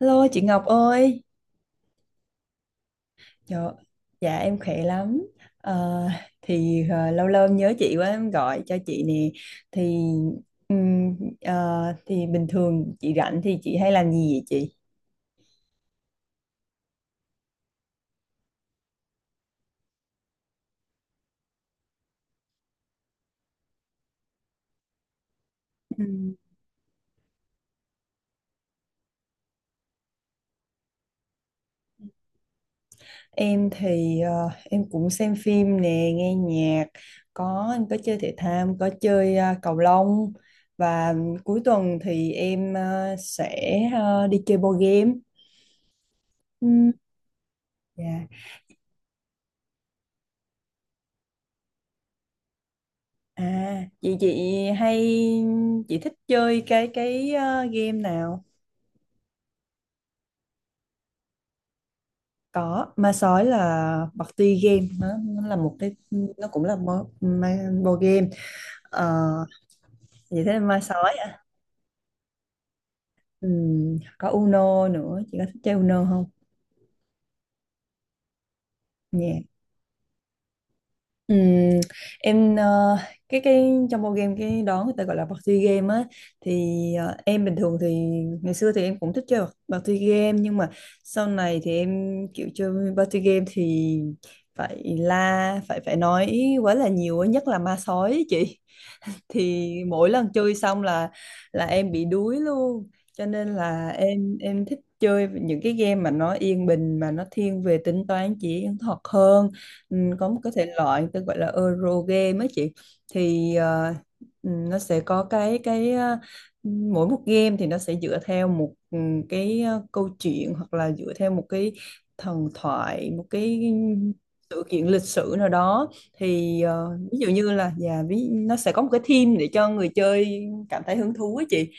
Hello chị Ngọc ơi, Trời, dạ em khỏe lắm. Ờ, thì lâu lâu em nhớ chị quá em gọi cho chị nè. Thì thì bình thường chị rảnh thì chị hay làm gì vậy chị? Ừ. Em thì em cũng xem phim nè, nghe nhạc, em có chơi thể thao, em có chơi cầu lông và cuối tuần thì em sẽ đi chơi board game. Ừ, dạ. À, vậy chị hay chị thích chơi cái game nào? Có, ma sói là party game nó là một cái nó cũng là board game. Ờ, vậy thế ma sói. Ừ, có Uno nữa, chị có thích chơi Uno không? Dạ. Ừm, em ờ, cái trong bộ game cái đó người ta gọi là party game á thì em bình thường thì ngày xưa thì em cũng thích chơi party game nhưng mà sau này thì em kiểu chơi party game thì phải la phải phải nói quá là nhiều á, nhất là ma sói ấy chị thì mỗi lần chơi xong là em bị đuối luôn cho nên là em thích chơi những cái game mà nó yên bình mà nó thiên về tính toán chỉ thuật hơn. Ừ, có một cái thể loại tôi gọi là Euro game ấy chị thì nó sẽ có cái mỗi một game thì nó sẽ dựa theo một câu chuyện hoặc là dựa theo một cái thần thoại, một cái sự kiện lịch sử nào đó thì ví dụ như là dạ ví nó sẽ có một cái theme để cho người chơi cảm thấy hứng thú ấy chị.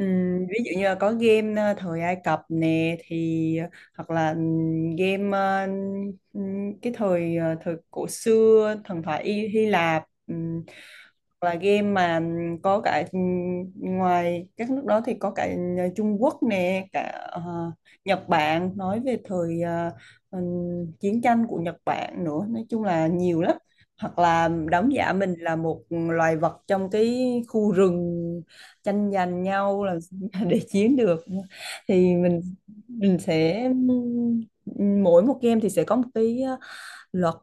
Ví dụ như là có game thời Ai Cập nè thì hoặc là game cái thời thời cổ xưa thần thoại Y Hy Lạp, hoặc là game mà có cả ngoài các nước đó thì có cả Trung Quốc nè, cả ờ, Nhật Bản, nói về thời ừm, chiến tranh của Nhật Bản nữa, nói chung là nhiều lắm. Hoặc là đóng giả mình là một loài vật trong cái khu rừng tranh giành nhau làm để chiến được thì mình sẽ, mỗi một game thì sẽ có một cái luật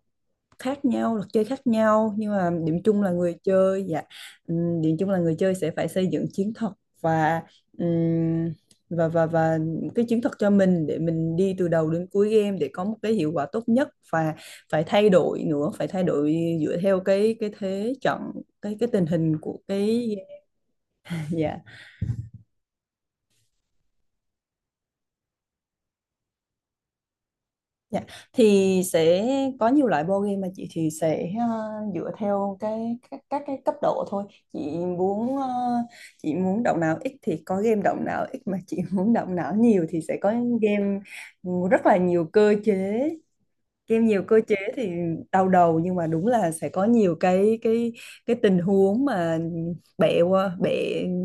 khác nhau, luật chơi khác nhau, nhưng mà điểm chung là người chơi, điểm chung là người chơi sẽ phải xây dựng chiến thuật và ừm, và và và cái chiến thuật cho mình để mình đi từ đầu đến cuối game để có một cái hiệu quả tốt nhất, và phải thay đổi nữa, phải thay đổi dựa theo cái thế trận, cái tình hình của cái, dạ. Dạ. Thì sẽ có nhiều loại board game mà chị thì sẽ dựa theo cái các cái cấp độ thôi. Chị muốn chị muốn động não ít thì có game động não ít, mà chị muốn động não nhiều thì sẽ có game rất là nhiều cơ chế. Kim nhiều cơ chế thì đau đầu, nhưng mà đúng là sẽ có nhiều cái tình huống mà bẻ qua bẻ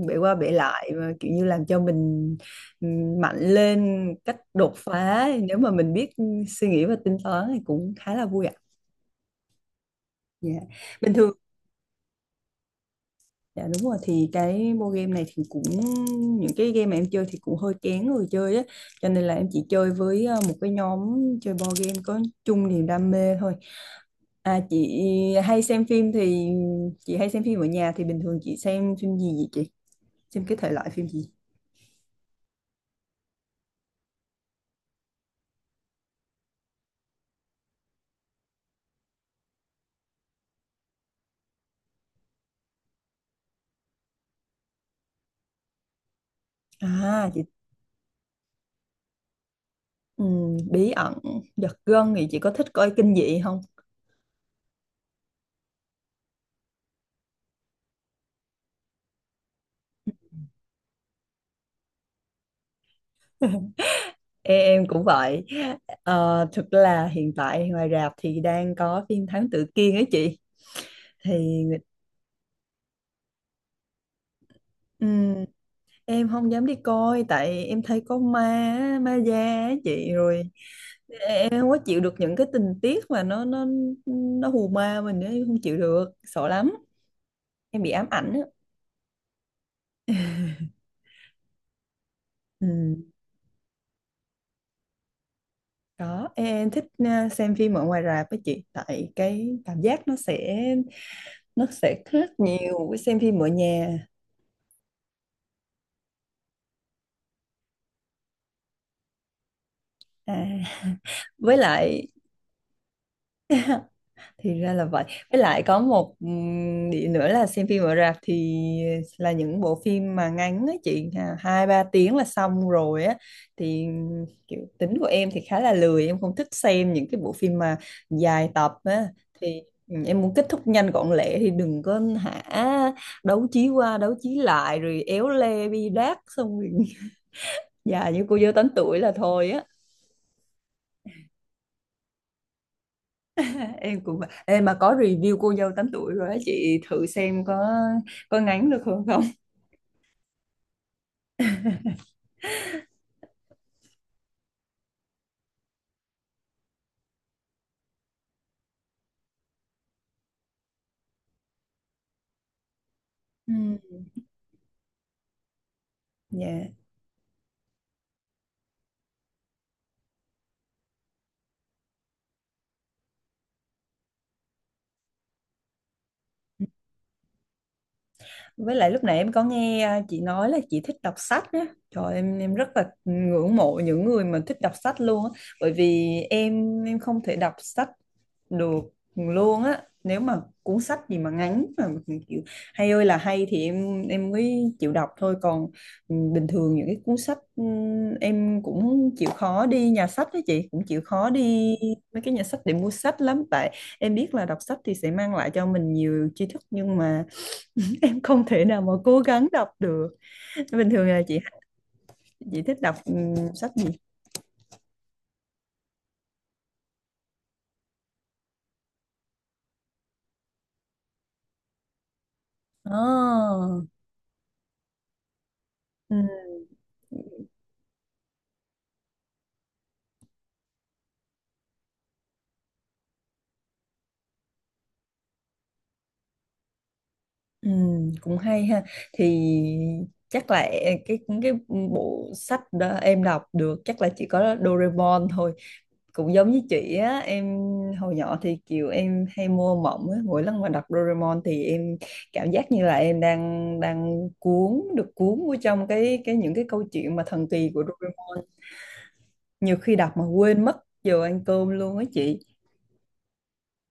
bẻ qua bẻ lại và kiểu như làm cho mình mạnh lên cách đột phá, nếu mà mình biết suy nghĩ và tính toán thì cũng khá là vui ạ. Dạ. Bình thường dạ đúng rồi, thì cái board game này thì cũng, những cái game mà em chơi thì cũng hơi kén người chơi á cho nên là em chỉ chơi với một cái nhóm chơi board game có chung niềm đam mê thôi. À chị hay xem phim thì chị hay xem phim ở nhà thì bình thường chị xem phim gì vậy chị, xem cái thể loại phim gì? À chị, bí ẩn giật gân thì chị có thích coi kinh dị không? Ê, em cũng vậy. Ờ, thực là hiện tại ngoài rạp thì đang có phim Thám Tử Kiên ấy chị. Thì ừ, em không dám đi coi tại em thấy có ma á, ma da á chị, rồi em không có chịu được những cái tình tiết mà nó hù ma mình ấy, em không chịu được, sợ lắm, em bị ám ảnh á. Ừ. Đó em thích xem phim ở ngoài rạp với chị tại cái cảm giác nó sẽ khác nhiều với xem phim ở nhà. À. Với lại thì ra là vậy, với lại có một điểm nữa là xem phim ở rạp thì là những bộ phim mà ngắn á chị à, hai ba tiếng là xong rồi á, thì kiểu tính của em thì khá là lười, em không thích xem những cái bộ phim mà dài tập á. Thì ừ, em muốn kết thúc nhanh gọn lẹ thì đừng có hả đấu trí qua đấu trí lại rồi éo le bi đát xong rồi già như cô dâu tám tuổi là thôi á. Em cũng vậy. Ê, mà có review cô dâu tám tuổi rồi á chị, thử xem có ngắn được không không. Ừ. Dạ. Với lại lúc nãy em có nghe à, chị nói là chị thích đọc sách á. Trời, em rất là ngưỡng mộ những người mà thích đọc sách luôn á, bởi vì em không thể đọc sách được luôn á. Nếu mà cuốn sách gì mà ngắn mà kiểu hay ơi là hay thì em mới chịu đọc thôi, còn ừ, bình thường những cái cuốn sách ừ, em cũng chịu khó đi nhà sách đó chị, cũng chịu khó đi mấy cái nhà sách để mua sách lắm, tại em biết là đọc sách thì sẽ mang lại cho mình nhiều tri thức, nhưng mà em không thể nào mà cố gắng đọc được. Bình thường là chị thích đọc sách gì? À, ừm, cũng hay ha. Thì chắc là cái bộ sách đó em đọc được chắc là chỉ có Doraemon thôi, cũng giống như chị á. Em hồi nhỏ thì kiểu em hay mua mộng á, mỗi lần mà đọc Doraemon thì em cảm giác như là em đang đang cuốn được, cuốn vô trong cái những cái câu chuyện mà thần kỳ của Doraemon, nhiều khi đọc mà quên mất giờ ăn cơm luôn á chị,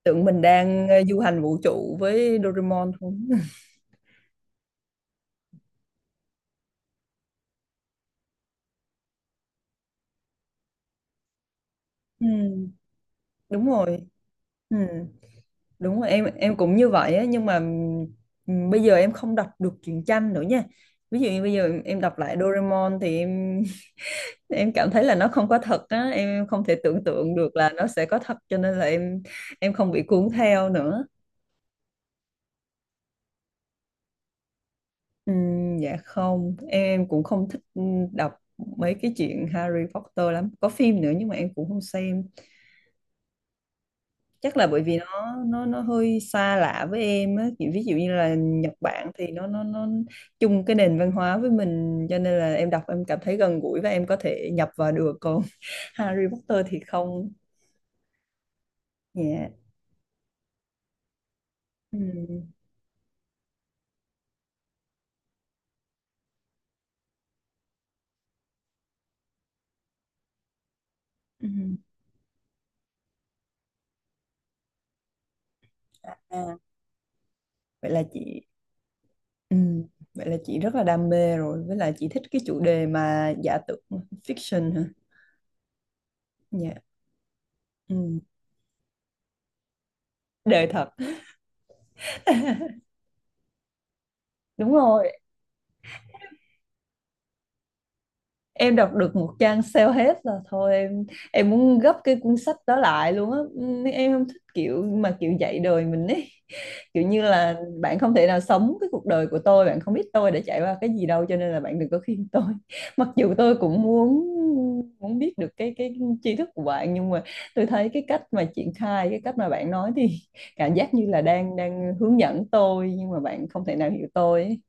tưởng mình đang du hành vũ trụ với Doraemon không. Ừ, đúng rồi. Ừ, đúng rồi, em cũng như vậy á, nhưng mà bây giờ em không đọc được truyện tranh nữa nha. Ví dụ như bây giờ em đọc lại Doraemon thì em em cảm thấy là nó không có thật á, em không thể tưởng tượng được là nó sẽ có thật, cho nên là em không bị cuốn theo nữa. Dạ không, em cũng không thích đọc mấy cái chuyện Harry Potter lắm. Có phim nữa nhưng mà em cũng không xem. Chắc là bởi vì nó hơi xa lạ với em á. Kiểu ví dụ như là Nhật Bản thì nó chung cái nền văn hóa với mình cho nên là em đọc em cảm thấy gần gũi và em có thể nhập vào được. Còn Harry Potter thì không. Dạ. Ừm, ừm. À, à, Vậy là chị, ừm, vậy là chị rất là đam mê rồi, với lại chị thích cái chủ đề mà giả tưởng fiction hả? Dạ. Ừ. Đời thật. Đúng rồi, em đọc được một trang sale hết là thôi, em muốn gấp cái cuốn sách đó lại luôn á. Ừ, em không thích kiểu mà kiểu dạy đời mình ấy. Kiểu như là bạn không thể nào sống cái cuộc đời của tôi, bạn không biết tôi đã trải qua cái gì đâu, cho nên là bạn đừng có khuyên tôi. Mặc dù tôi cũng muốn muốn biết được cái tri thức của bạn, nhưng mà tôi thấy cái cách mà triển khai, cái cách mà bạn nói thì cảm giác như là đang đang hướng dẫn tôi nhưng mà bạn không thể nào hiểu tôi ấy.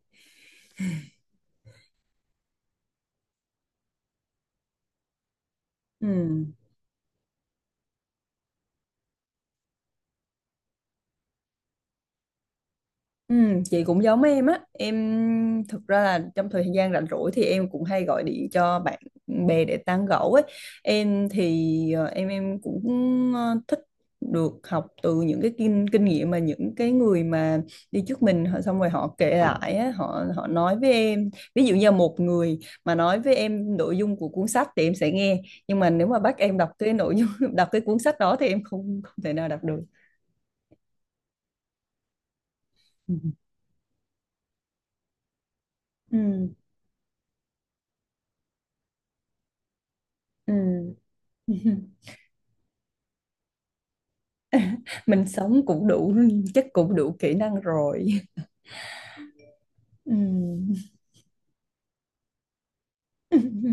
Ừ. Ừ, chị cũng giống em á. Em thực ra là trong thời gian rảnh rỗi thì em cũng hay gọi điện cho bạn bè để tán gẫu ấy. Em thì em cũng thích được học từ những cái kinh kinh nghiệm mà những cái người mà đi trước mình họ, xong rồi họ kể lại á, họ họ nói với em. Ví dụ như một người mà nói với em nội dung của cuốn sách thì em sẽ nghe, nhưng mà nếu mà bắt em đọc cái nội dung đọc cái cuốn sách đó thì em không không thể nào đọc được. Ừ. Ừ. Ừ. Mình sống cũng đủ, chắc cũng đủ kỹ năng rồi. Ừm,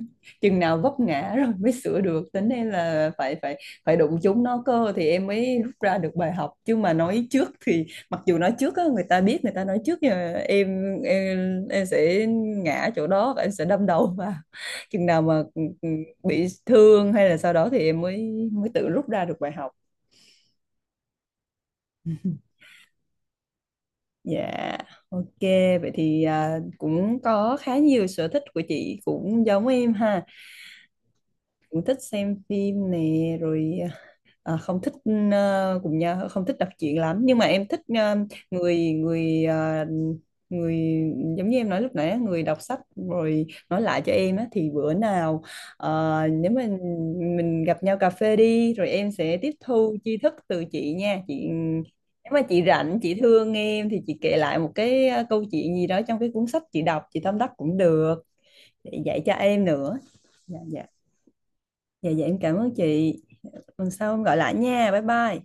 chừng nào vấp ngã rồi mới sửa được tính đây là phải phải phải đụng chúng nó cơ thì em mới rút ra được bài học, chứ mà nói trước thì mặc dù nói trước á, người ta biết người ta nói trước nhưng em sẽ ngã chỗ đó và em sẽ đâm đầu vào. Chừng nào mà ừ, bị thương hay là sau đó thì em mới mới tự rút ra được bài học. Dạ. Ok, vậy thì à, cũng có khá nhiều sở thích của chị cũng giống em ha. Cũng thích xem phim nè, rồi à, không thích cũng nha, không thích đọc truyện lắm nhưng mà em thích ờ, người người ờ, người giống như em nói lúc nãy á, người đọc sách rồi nói lại cho em á thì bữa nào nếu mình gặp nhau cà phê đi rồi em sẽ tiếp thu tri thức từ chị nha chị, nếu mà chị rảnh chị thương em thì chị kể lại một cái câu chuyện gì đó trong cái cuốn sách chị đọc chị tâm đắc cũng được, để dạy cho em nữa. Dạ Dạ. Dạ em cảm ơn chị, tuần sau gọi lại nha, bye bye.